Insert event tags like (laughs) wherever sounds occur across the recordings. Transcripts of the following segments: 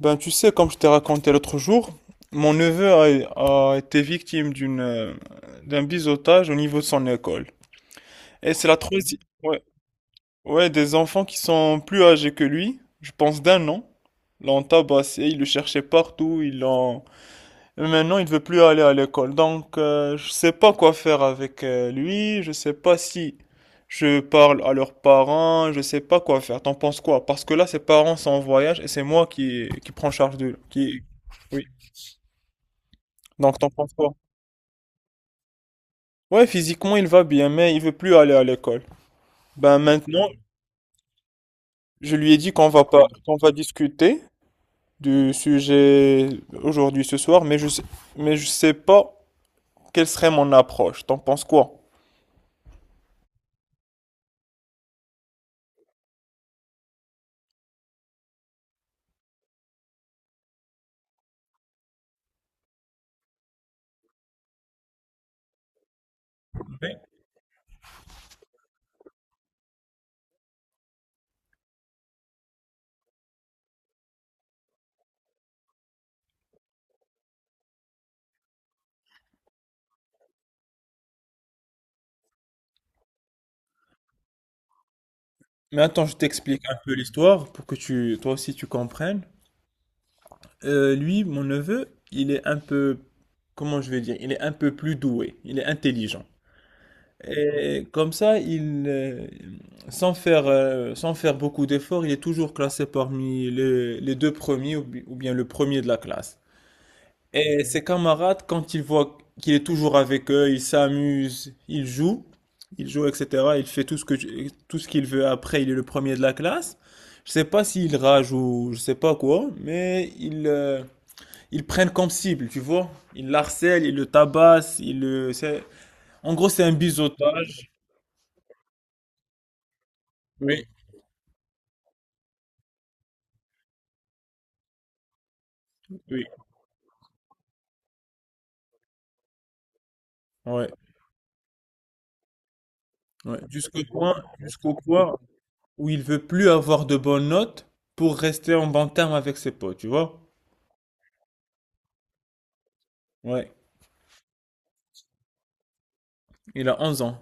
Ben, tu sais, comme je t'ai raconté l'autre jour, mon neveu a été victime d'une, d'un biseautage au niveau de son école. Et c'est la troisième. Ouais, ouais, des enfants qui sont plus âgés que lui, je pense d'un an, l'ont tabassé, ils le cherchaient partout, ils l'ont. Maintenant, il ne veut plus aller à l'école, donc je ne sais pas quoi faire avec lui, je ne sais pas si je parle à leurs parents, je ne sais pas quoi faire. T'en penses quoi? Parce que là, ses parents sont en voyage et c'est moi qui prends charge de qui. Oui. Donc t'en penses quoi? Ouais, physiquement il va bien, mais il veut plus aller à l'école. Ben maintenant, je lui ai dit qu'on va pas, qu'on va discuter du sujet aujourd'hui ce soir, mais je sais pas quelle serait mon approche. T'en penses quoi? Mais attends, je t'explique un peu l'histoire pour que tu, toi aussi tu comprennes. Lui, mon neveu, il est un peu, comment je vais dire, il est un peu plus doué, il est intelligent. Et comme ça, il, sans faire, sans faire beaucoup d'efforts, il est toujours classé parmi les deux premiers ou bi- ou bien le premier de la classe. Et ses camarades, quand ils voient qu'il est toujours avec eux, ils s'amusent, ils jouent, etc. Il fait tout ce que, tu- tout ce qu'il veut. Après, il est le premier de la classe. Je sais pas s'il rage ou je sais pas quoi, mais ils, ils prennent comme cible, tu vois. Ils l'harcèlent, ils le tabassent, ils le, c'est- en gros, c'est un biseautage. Oui, oui. Ouais, ouais. Jusqu'au point où il veut plus avoir de bonnes notes pour rester en bon terme avec ses potes, tu vois. Ouais. Il a 11 ans.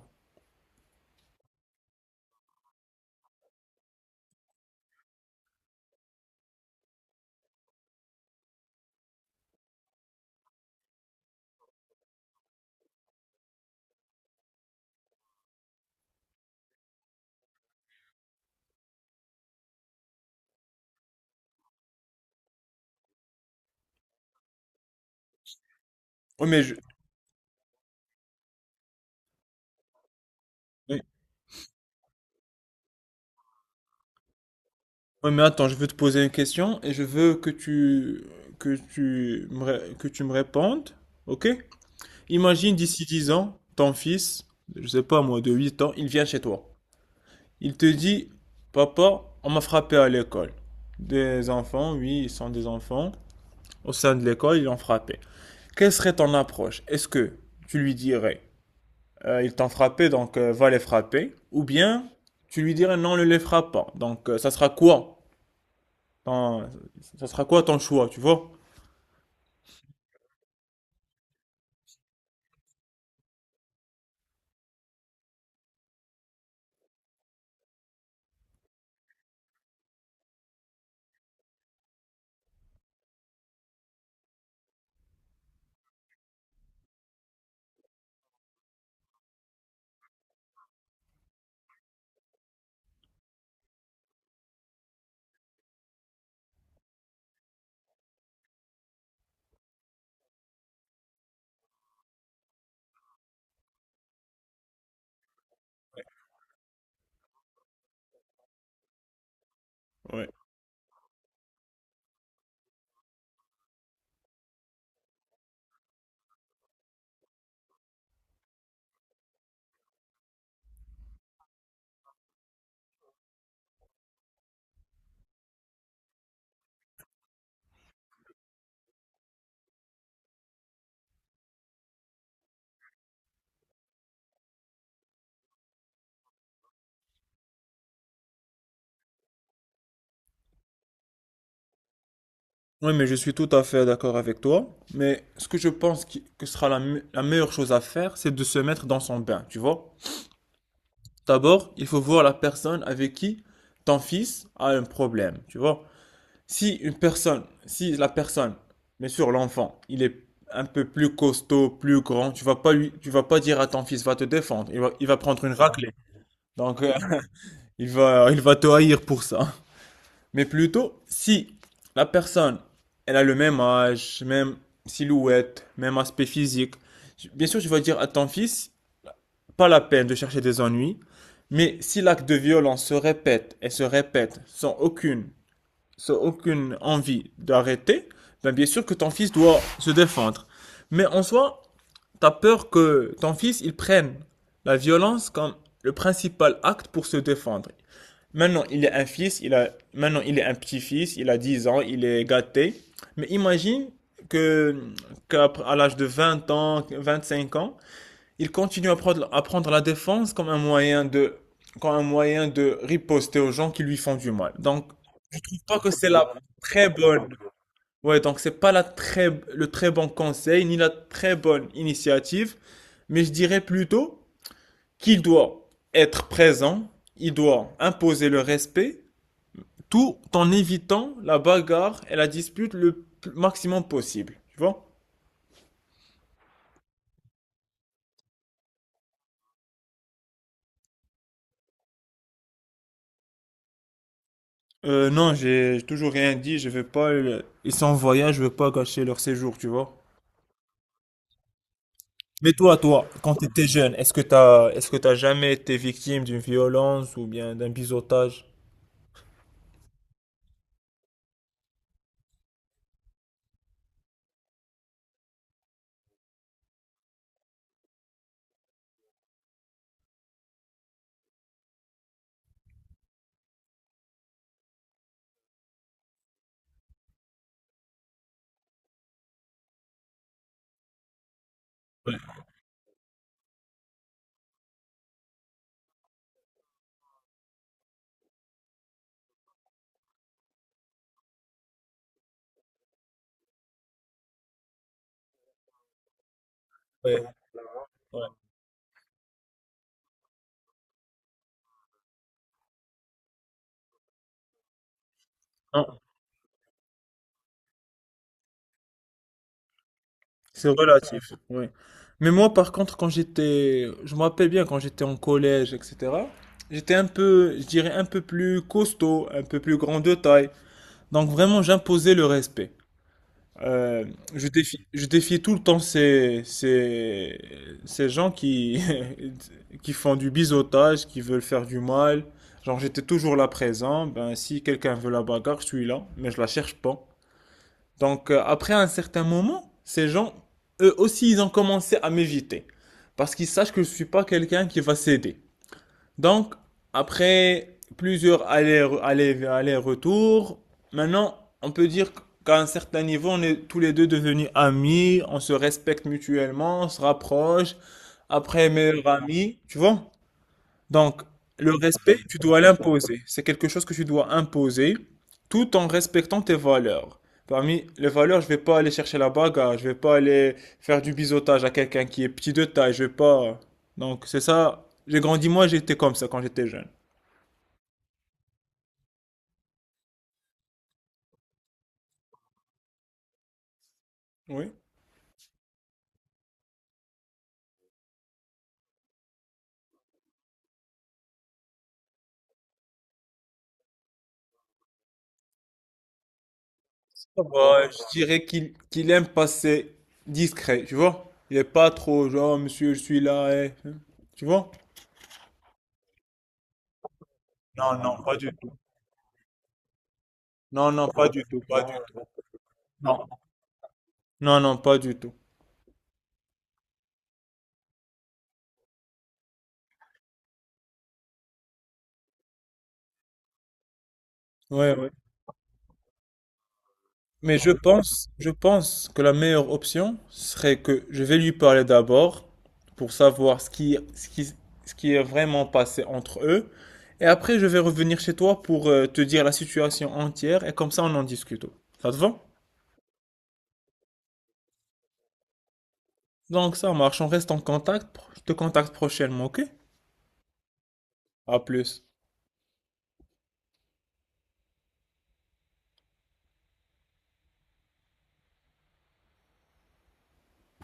Oui, mais je- oui. Oui, mais attends, je veux te poser une question et je veux que tu me, ré- que tu me répondes, ok? Imagine d'ici 10 ans, ton fils, je sais pas moi, de 8 ans, il vient chez toi. Il te dit, papa, on m'a frappé à l'école. Des enfants, oui, ils sont des enfants. Au sein de l'école, ils l'ont frappé. Quelle serait ton approche? Est-ce que tu lui dirais, ils t'ont frappé, donc va les frapper? Ou bien tu lui dirais, non, ne les frappe pas. Donc ça sera quoi? Ton- ça sera quoi ton choix, tu vois? Ouais. Oui, mais je suis tout à fait d'accord avec toi. Mais ce que je pense qui- que sera la, me- la meilleure chose à faire, c'est de se mettre dans son bain, tu vois? D'abord, il faut voir la personne avec qui ton fils a un problème, tu vois? Si une personne, si la personne, bien sûr l'enfant, il est un peu plus costaud, plus grand, tu vas pas lui, tu vas pas dire à ton fils, va te défendre, il va prendre une raclée. Donc, (laughs) il va te haïr pour ça. Mais plutôt, si la personne, elle a le même âge, même silhouette, même aspect physique, bien sûr, tu vas dire à ton fils, pas la peine de chercher des ennuis, mais si l'acte de violence se répète et se répète sans aucune, sans aucune envie d'arrêter, ben bien sûr que ton fils doit se défendre. Mais en soi, t'as peur que ton fils, il prenne la violence comme le principal acte pour se défendre. Maintenant, il est un fils, il a, maintenant, il est un petit-fils, il a 10 ans, il est gâté. Mais imagine que, qu'à l'âge de 20 ans, 25 ans, il continue à prendre la défense comme un moyen de, comme un moyen de riposter aux gens qui lui font du mal. Donc, je trouve pas que c'est la très bonne, ouais, donc c'est pas la très, le très bon conseil, ni la très bonne initiative, mais je dirais plutôt qu'il doit être présent, il doit imposer le respect, tout en évitant la bagarre et la dispute le maximum possible, tu vois? Non, j'ai toujours rien dit, je veux pas, le- ils sont en voyage, je veux pas gâcher leur séjour, tu vois? Mais toi, toi, quand tu étais jeune, est-ce que t'as jamais été victime d'une violence ou bien d'un biseautage? Ouais, ouais. Non, c'est relatif, oui. Mais moi, par contre, quand j'étais, je me rappelle bien quand j'étais en collège, etc., j'étais un peu, je dirais un peu plus costaud, un peu plus grand de taille. Donc vraiment, j'imposais le respect. Euh, je défiais, je défiais tout le temps ces, ces, ces gens qui, (laughs) qui font du biseautage, qui veulent faire du mal. Genre, j'étais toujours là présent. Ben, si quelqu'un veut la bagarre, je suis là, mais je la cherche pas. Donc, après un certain moment, ces gens, eux aussi, ils ont commencé à m'éviter. Parce qu'ils sachent que je suis pas quelqu'un qui va céder. Donc, après plusieurs allers- allers- allers-retours, maintenant, on peut dire qu'à un certain niveau, on est tous les deux devenus amis, on se respecte mutuellement, on se rapproche, après meilleurs amis, tu vois? Donc, le respect, tu dois l'imposer. C'est quelque chose que tu dois imposer tout en respectant tes valeurs. Parmi les valeurs, je vais pas aller chercher la bagarre, je vais pas aller faire du biseautage à quelqu'un qui est petit de taille, je vais pas. Donc, c'est ça. J'ai grandi, moi, j'étais comme ça quand j'étais jeune. Oui. Ça va, je dirais qu'il aime passer discret, tu vois? Il est pas trop genre, monsieur, je suis là, eh. Tu vois? Non, non, pas du tout. Non, non, pas du tout, pas du tout. Non, non, pas du tout. Ouais, ouais. Mais je pense que la meilleure option serait que je vais lui parler d'abord pour savoir ce qui, ce qui, ce qui est vraiment passé entre eux. Et après, je vais revenir chez toi pour te dire la situation entière et comme ça, on en discute. Ça te va? Donc, ça marche, on reste en contact. Je te contacte prochainement, ok? À plus.